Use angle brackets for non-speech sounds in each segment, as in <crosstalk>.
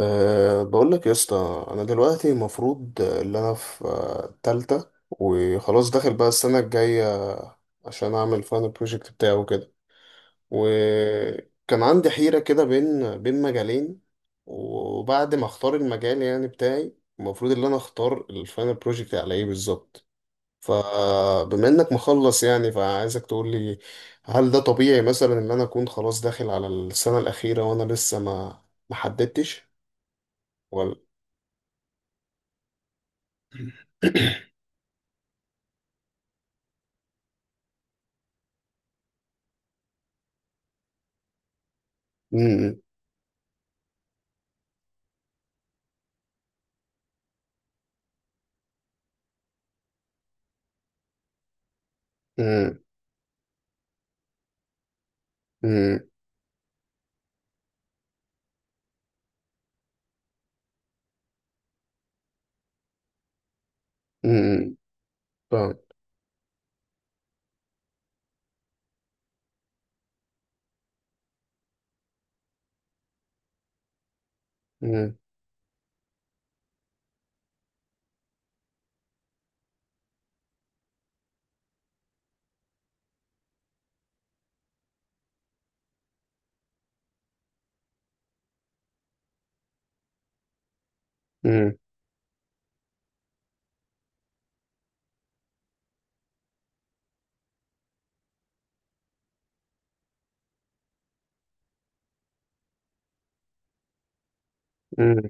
بقول لك يا اسطى، انا دلوقتي المفروض ان انا في تالتة وخلاص داخل بقى السنة الجاية عشان اعمل فاينل بروجكت بتاعه وكده. وكان عندي حيرة كده بين مجالين، وبعد ما اختار المجال يعني بتاعي، المفروض ان انا اختار الفاينل بروجكت على ايه بالظبط. فبما انك مخلص يعني، فعايزك تقول لي، هل ده طبيعي مثلا ان انا اكون خلاص داخل على السنة الأخيرة وانا لسه ما حددتش، ولا؟ <clears throat> 嗯嗯嗯嗯فاهم. مم. مم. مم.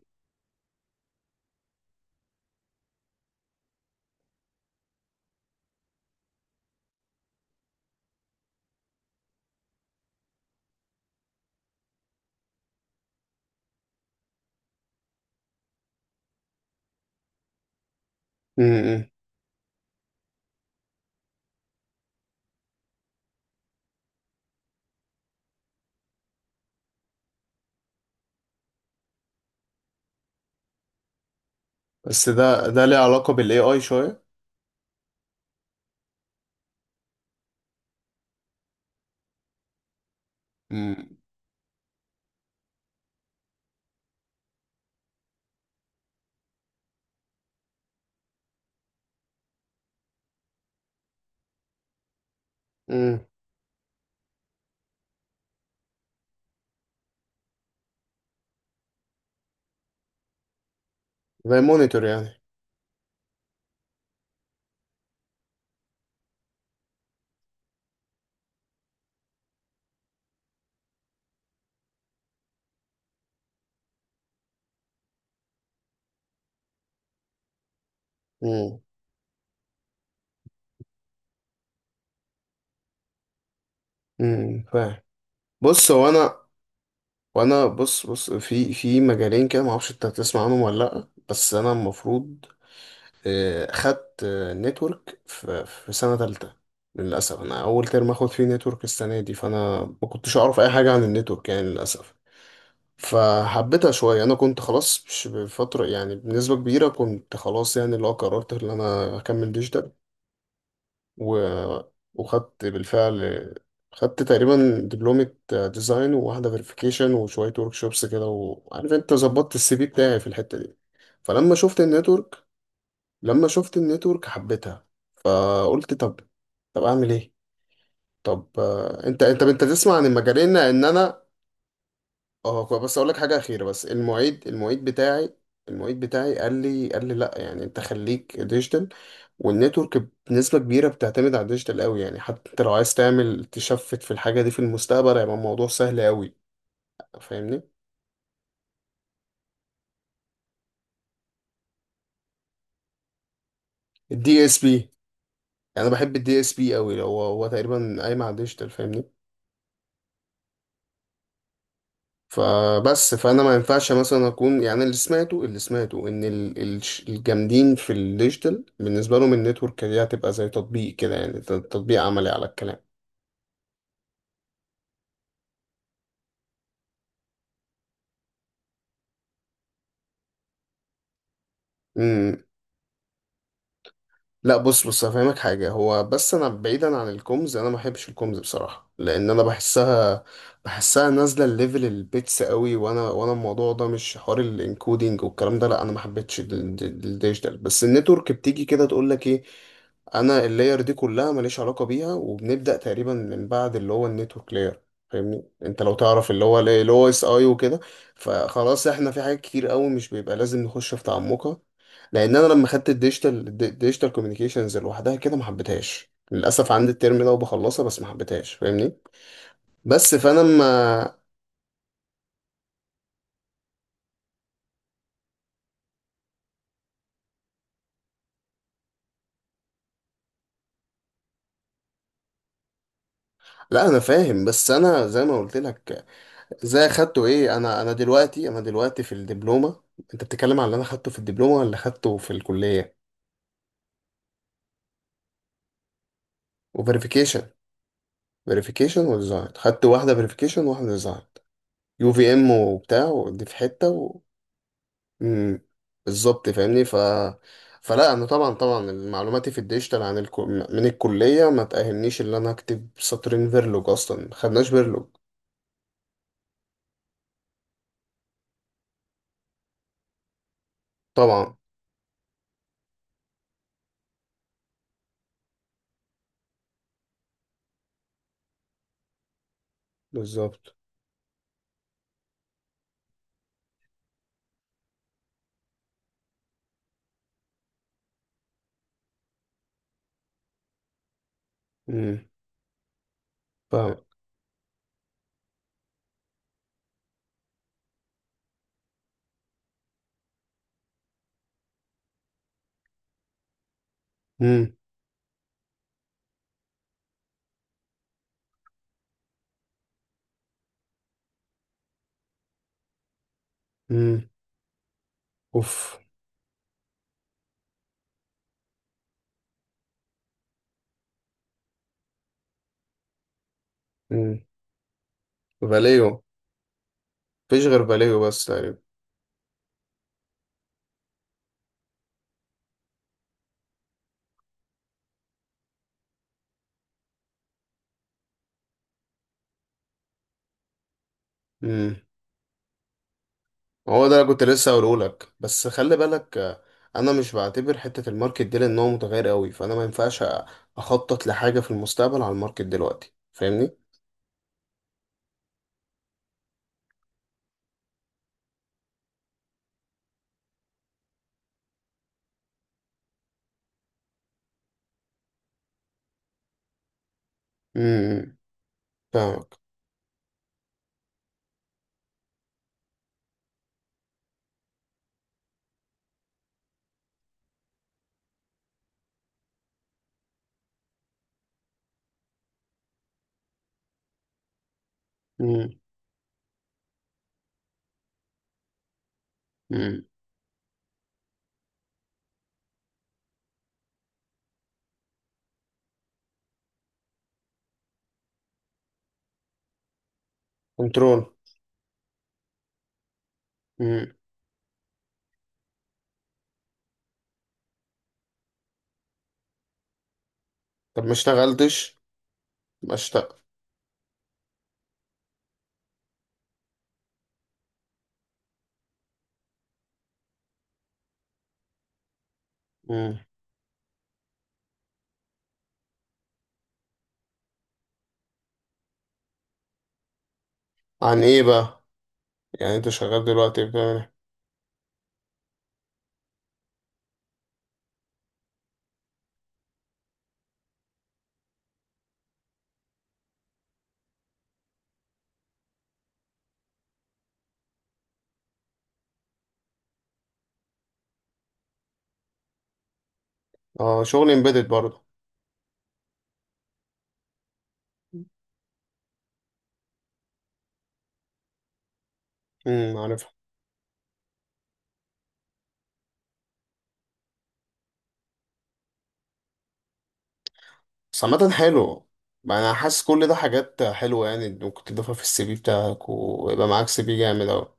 مم. بس ده ليه علاقة بال AI شوية؟ مم. مم. زي مونيتور يعني. مم. مم. فاهم. بص، هو انا، وانا بص في في مجالين كده، معرفش انت هتسمع عنهم ولا لأ، بس انا المفروض خدت نتورك في في سنة تالتة. للأسف أنا أول ترم آخد فيه نتورك السنة دي، فأنا ما كنتش أعرف أي حاجة عن النتورك يعني للأسف. فحبيتها شوية، أنا كنت خلاص مش بفترة يعني، بنسبة كبيرة كنت خلاص يعني اللي هو قررت إن أنا أكمل ديجيتال و... وخدت بالفعل. خدت تقريبا دبلومة ديزاين، وواحدة فيريفيكيشن، وشوية ورك شوبس كده، وعارف أنت ظبطت السي في بتاعي في الحتة دي. فلما شفت النتورك لما شفت النتورك حبيتها. فقلت طب أعمل إيه؟ طب أنت تسمع عن المجالين إن أنا، بس اقول لك حاجه اخيره. بس المعيد بتاعي قال لي لا، يعني انت خليك ديجيتال. والنتورك بنسبه كبيره بتعتمد على الديجيتال قوي يعني، حتى انت لو عايز تعمل تشفت في الحاجه دي في المستقبل هيبقى الموضوع سهل قوي، فاهمني. الدي اس بي، يعني انا بحب الدي اس بي قوي، هو تقريبا قايم على الديجيتال، فاهمني. فبس، فانا ما ينفعش مثلا اكون يعني، اللي سمعته ان الجامدين في الديجيتال بالنسبه لهم النتورك دي هتبقى زي تطبيق كده يعني، تطبيق عملي على الكلام. لا بص، هفهمك حاجة، هو بس أنا بعيدا عن الكومز، أنا ما بحبش الكومز بصراحة، لأن أنا بحسها نازلة الليفل البيتس قوي، وأنا الموضوع ده مش حوار الانكودينج والكلام ده. لا أنا ما حبيتش الديجيتال، بس النتورك بتيجي كده تقول لك إيه، أنا اللاير دي كلها ماليش علاقة بيها، وبنبدأ تقريبا من بعد اللي هو النتورك لاير، فاهمني. انت لو تعرف اللي هو اس اي وكده، فخلاص احنا في حاجات كتير قوي مش بيبقى لازم نخش في تعمقها، لان انا لما خدت الديجيتال كوميونيكيشنز لوحدها كده ما حبيتهاش للاسف، عندي الترم ده وبخلصها بس ما حبيتهاش، فاهمني. بس فانا ما لا انا فاهم، بس انا زي ما قلت لك، زي اخدته ايه انا دلوقتي في الدبلومه، انت بتتكلم على اللي انا خدته في الدبلومه ولا خدته في الكليه؟ وفيريفيكيشن فيريفيكيشن وديزاين، خدت واحده فيريفيكيشن وواحده ديزاين، يو في ام وبتاع ودي في حته. امم. بالظبط، فاهمني. ف، فلا انا طبعا، طبعا معلوماتي في الديجيتال من الكليه ما تاهلنيش ان انا اكتب سطرين فيرلوج، اصلا ما خدناش فيرلوج. طبعا. بالظبط. امم. فاهم. امم. امم. اوف. امم. فاليو. مفيش غير فاليو بس تقريبا. امم. هو ده اللي كنت لسه هقوله لك، بس خلي بالك انا مش بعتبر حته الماركت دي لان هو متغير قوي، فانا ما ينفعش اخطط لحاجه في المستقبل على الماركت دلوقتي، فاهمني. امم. فاهم. مم. مم. كنترول. مم. طب ما اشتغلتش، ما اشتغل. مم. عن ايه بقى، يعني انت شغال دلوقتي بتعمل ايه؟ اه، شغل امبيدد برضه. عارفها. بس عامة حلو، ما انا حاسس كل ده حاجات حلوة يعني، ممكن تضيفها في السي في بتاعك ويبقى معاك سي في جامد اوي.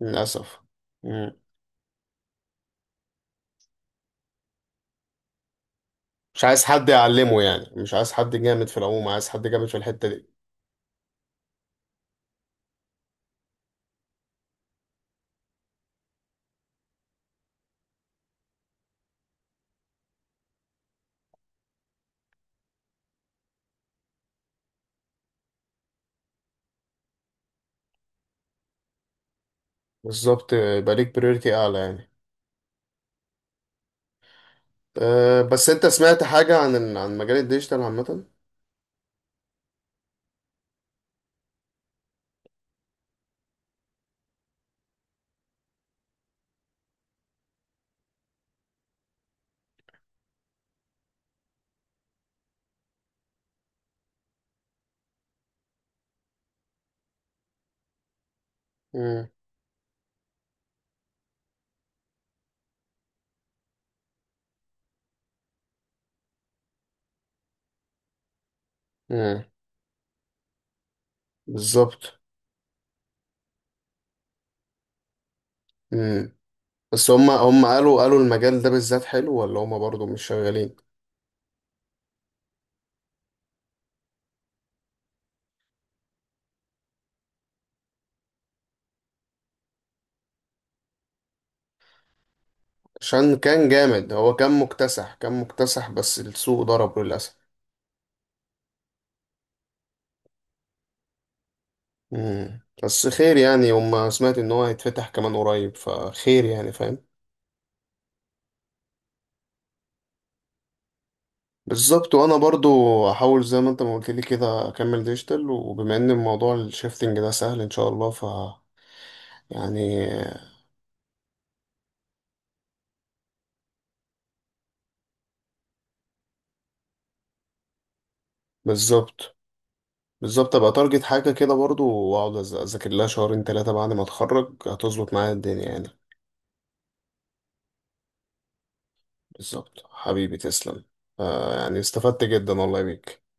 للأسف. مم. مش عايز حد يعلمه يعني، مش عايز حد جامد في العموم، عايز حد جامد في الحتة دي. بالظبط، يبقى ليك بريورتي اعلى يعني. أه بس انت سمعت حاجة عن عن مجال الديجيتال عامة؟ مم. مم. بالظبط. مم. بس هم قالوا المجال ده بالذات حلو، ولا هم برضو مش شغالين؟ عشان كان جامد، هو كان مكتسح، كان مكتسح، بس السوق ضرب للأسف. مم. بس خير يعني، هم سمعت ان هو هيتفتح كمان قريب، فخير يعني، فاهم. بالظبط. وانا برضو هحاول زي ما انت ما قلت لي كده اكمل ديجيتال، وبما ان الموضوع الشيفتنج ده سهل ان شاء الله، يعني بالظبط. بالظبط، ابقى تارجت حاجة كده برضو، واقعد اذاكر لها شهرين ثلاثة بعد ما اتخرج، هتظبط معايا الدنيا يعني. بالظبط حبيبي، تسلم. يعني استفدت جدا والله بيك.